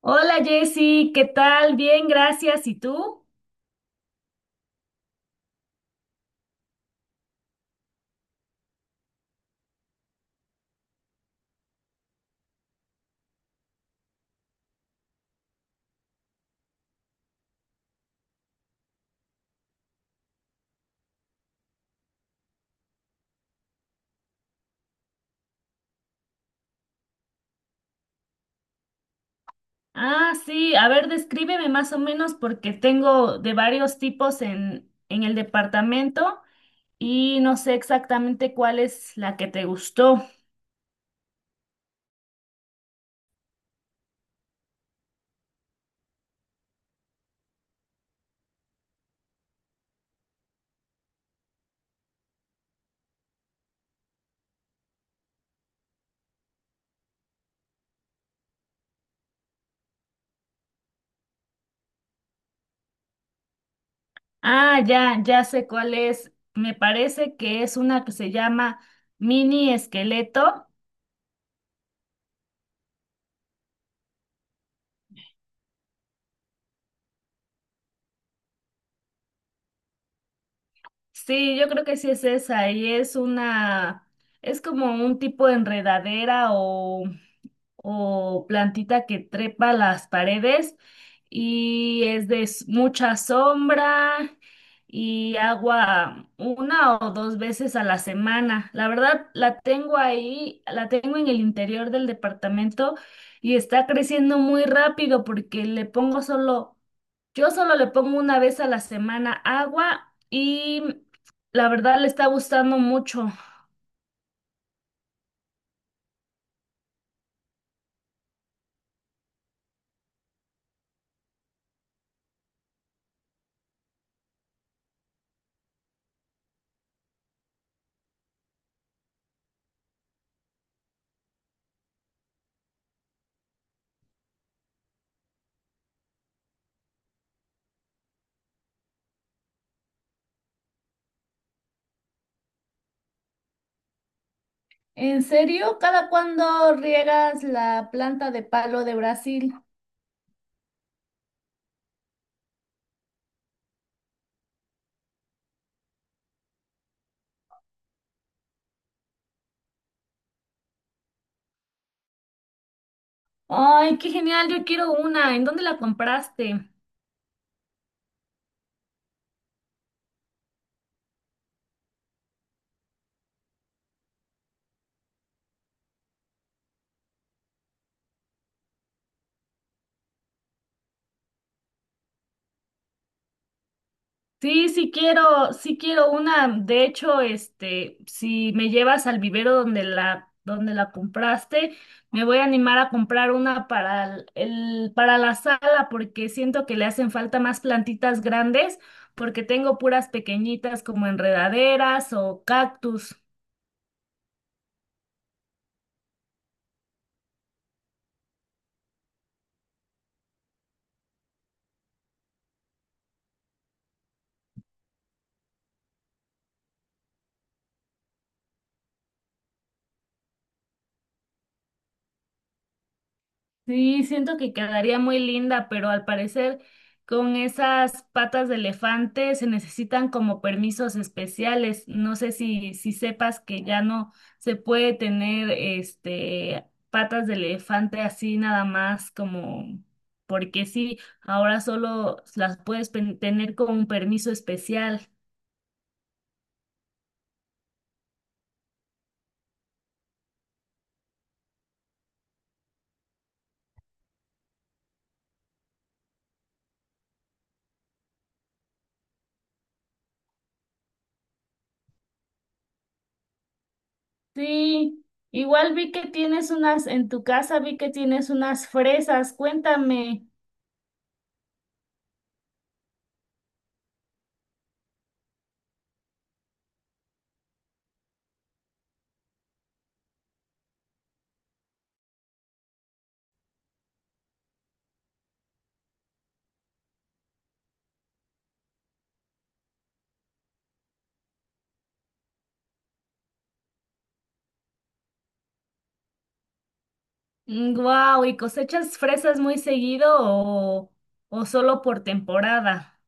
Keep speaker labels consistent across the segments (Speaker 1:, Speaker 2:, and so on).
Speaker 1: Hola Jessy, ¿qué tal? Bien, gracias. ¿Y tú? Ah, sí, a ver, descríbeme más o menos porque tengo de varios tipos en el departamento y no sé exactamente cuál es la que te gustó. Ah, ya, ya sé cuál es. Me parece que es una que se llama mini esqueleto. Sí, yo creo que sí es esa y es como un tipo de enredadera o plantita que trepa las paredes y es mucha sombra y agua una o dos veces a la semana. La verdad, la tengo ahí, la tengo en el interior del departamento y está creciendo muy rápido porque yo solo le pongo una vez a la semana agua y la verdad le está gustando mucho. ¿En serio? ¿Cada cuándo riegas la planta de palo de Brasil? Ay, qué genial, yo quiero una. ¿En dónde la compraste? Sí, sí quiero una. De hecho, este, si me llevas al vivero donde la compraste, me voy a animar a comprar una para para la sala porque siento que le hacen falta más plantitas grandes porque tengo puras pequeñitas como enredaderas o cactus. Sí, siento que quedaría muy linda, pero al parecer con esas patas de elefante se necesitan como permisos especiales. No sé si sepas que ya no se puede tener este patas de elefante así nada más como porque sí, ahora solo las puedes tener con un permiso especial. Sí, igual vi que tienes unas en tu casa, vi que tienes unas fresas. Cuéntame. Wow, ¿y cosechas fresas muy seguido o solo por temporada?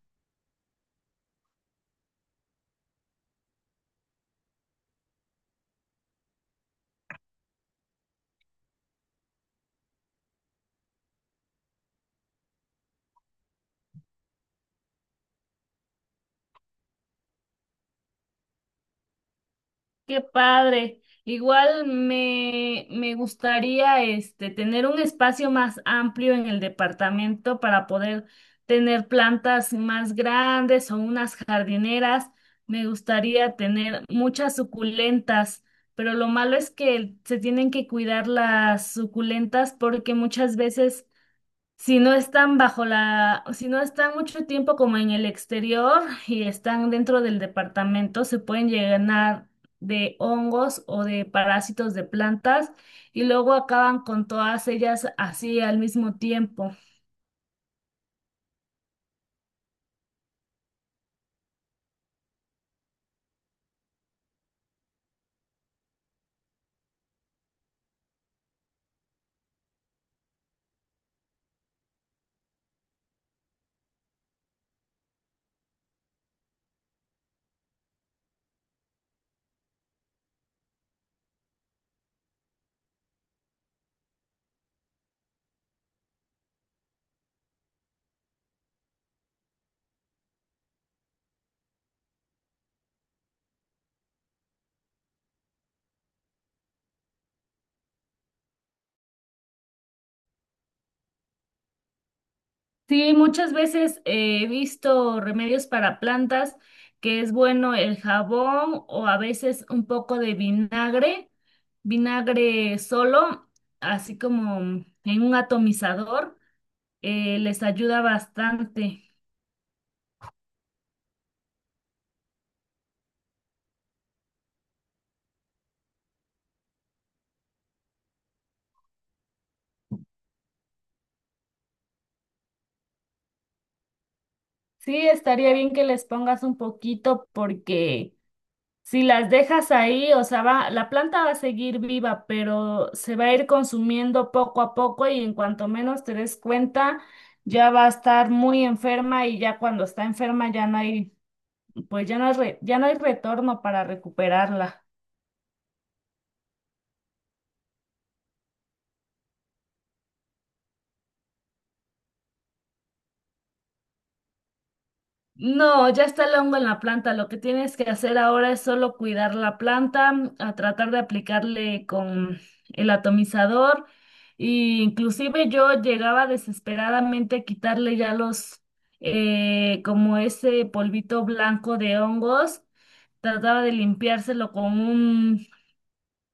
Speaker 1: Qué padre. Igual me gustaría este tener un espacio más amplio en el departamento para poder tener plantas más grandes o unas jardineras. Me gustaría tener muchas suculentas, pero lo malo es que se tienen que cuidar las suculentas porque muchas veces si no están si no están mucho tiempo como en el exterior y están dentro del departamento, se pueden llenar de hongos o de parásitos de plantas y luego acaban con todas ellas así al mismo tiempo. Sí, muchas veces he visto remedios para plantas que es bueno el jabón o a veces un poco de vinagre, vinagre solo, así como en un atomizador les ayuda bastante. Sí, estaría bien que les pongas un poquito porque si las dejas ahí, o sea, va, la planta va a seguir viva, pero se va a ir consumiendo poco a poco y en cuanto menos te des cuenta, ya va a estar muy enferma y ya cuando está enferma pues ya no hay retorno para recuperarla. No, ya está el hongo en la planta. Lo que tienes que hacer ahora es solo cuidar la planta, a tratar de aplicarle con el atomizador. Y inclusive yo llegaba desesperadamente a quitarle ya los, como ese polvito blanco de hongos. Trataba de limpiárselo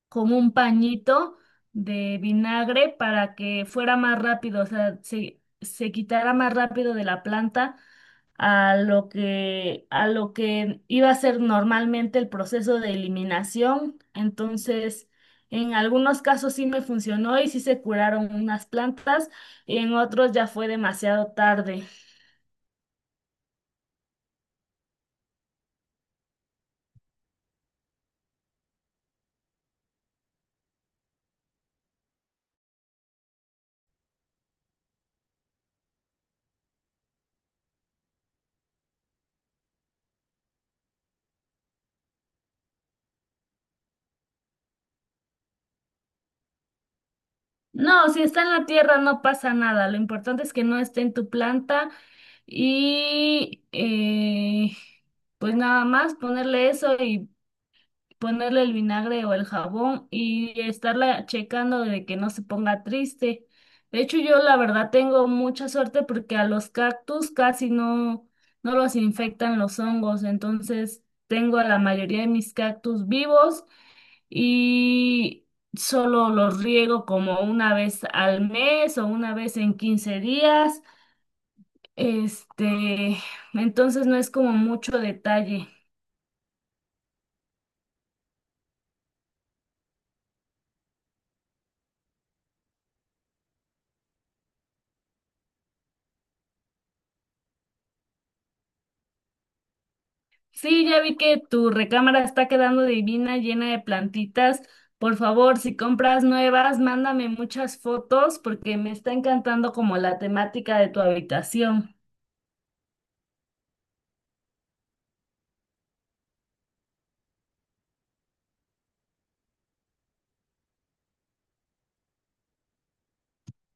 Speaker 1: con un pañito de vinagre para que fuera más rápido, o sea, se quitara más rápido de la planta a lo que iba a ser normalmente el proceso de eliminación. Entonces, en algunos casos sí me funcionó y sí se curaron unas plantas, y en otros ya fue demasiado tarde. No, si está en la tierra no pasa nada. Lo importante es que no esté en tu planta y pues nada más ponerle eso y ponerle el vinagre o el jabón y estarla checando de que no se ponga triste. De hecho, yo la verdad tengo mucha suerte porque a los cactus casi no, no los infectan los hongos, entonces tengo a la mayoría de mis cactus vivos y solo los riego como una vez al mes o una vez en 15 días. Este, entonces no es como mucho detalle. Sí, ya vi que tu recámara está quedando divina, llena de plantitas. Por favor, si compras nuevas, mándame muchas fotos porque me está encantando como la temática de tu habitación.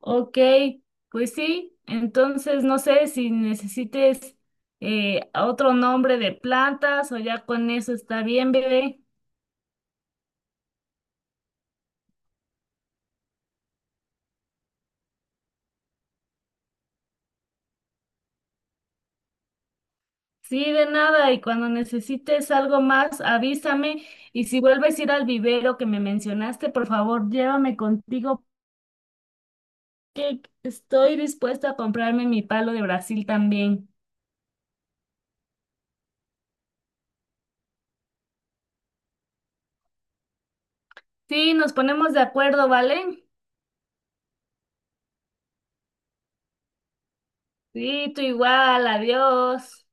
Speaker 1: Ok, pues sí, entonces no sé si necesites otro nombre de plantas o ya con eso está bien, bebé. Sí, de nada, y cuando necesites algo más, avísame. Y si vuelves a ir al vivero que me mencionaste, por favor, llévame contigo que estoy dispuesta a comprarme mi palo de Brasil también. Sí, nos ponemos de acuerdo, ¿vale? Sí, tú igual, adiós.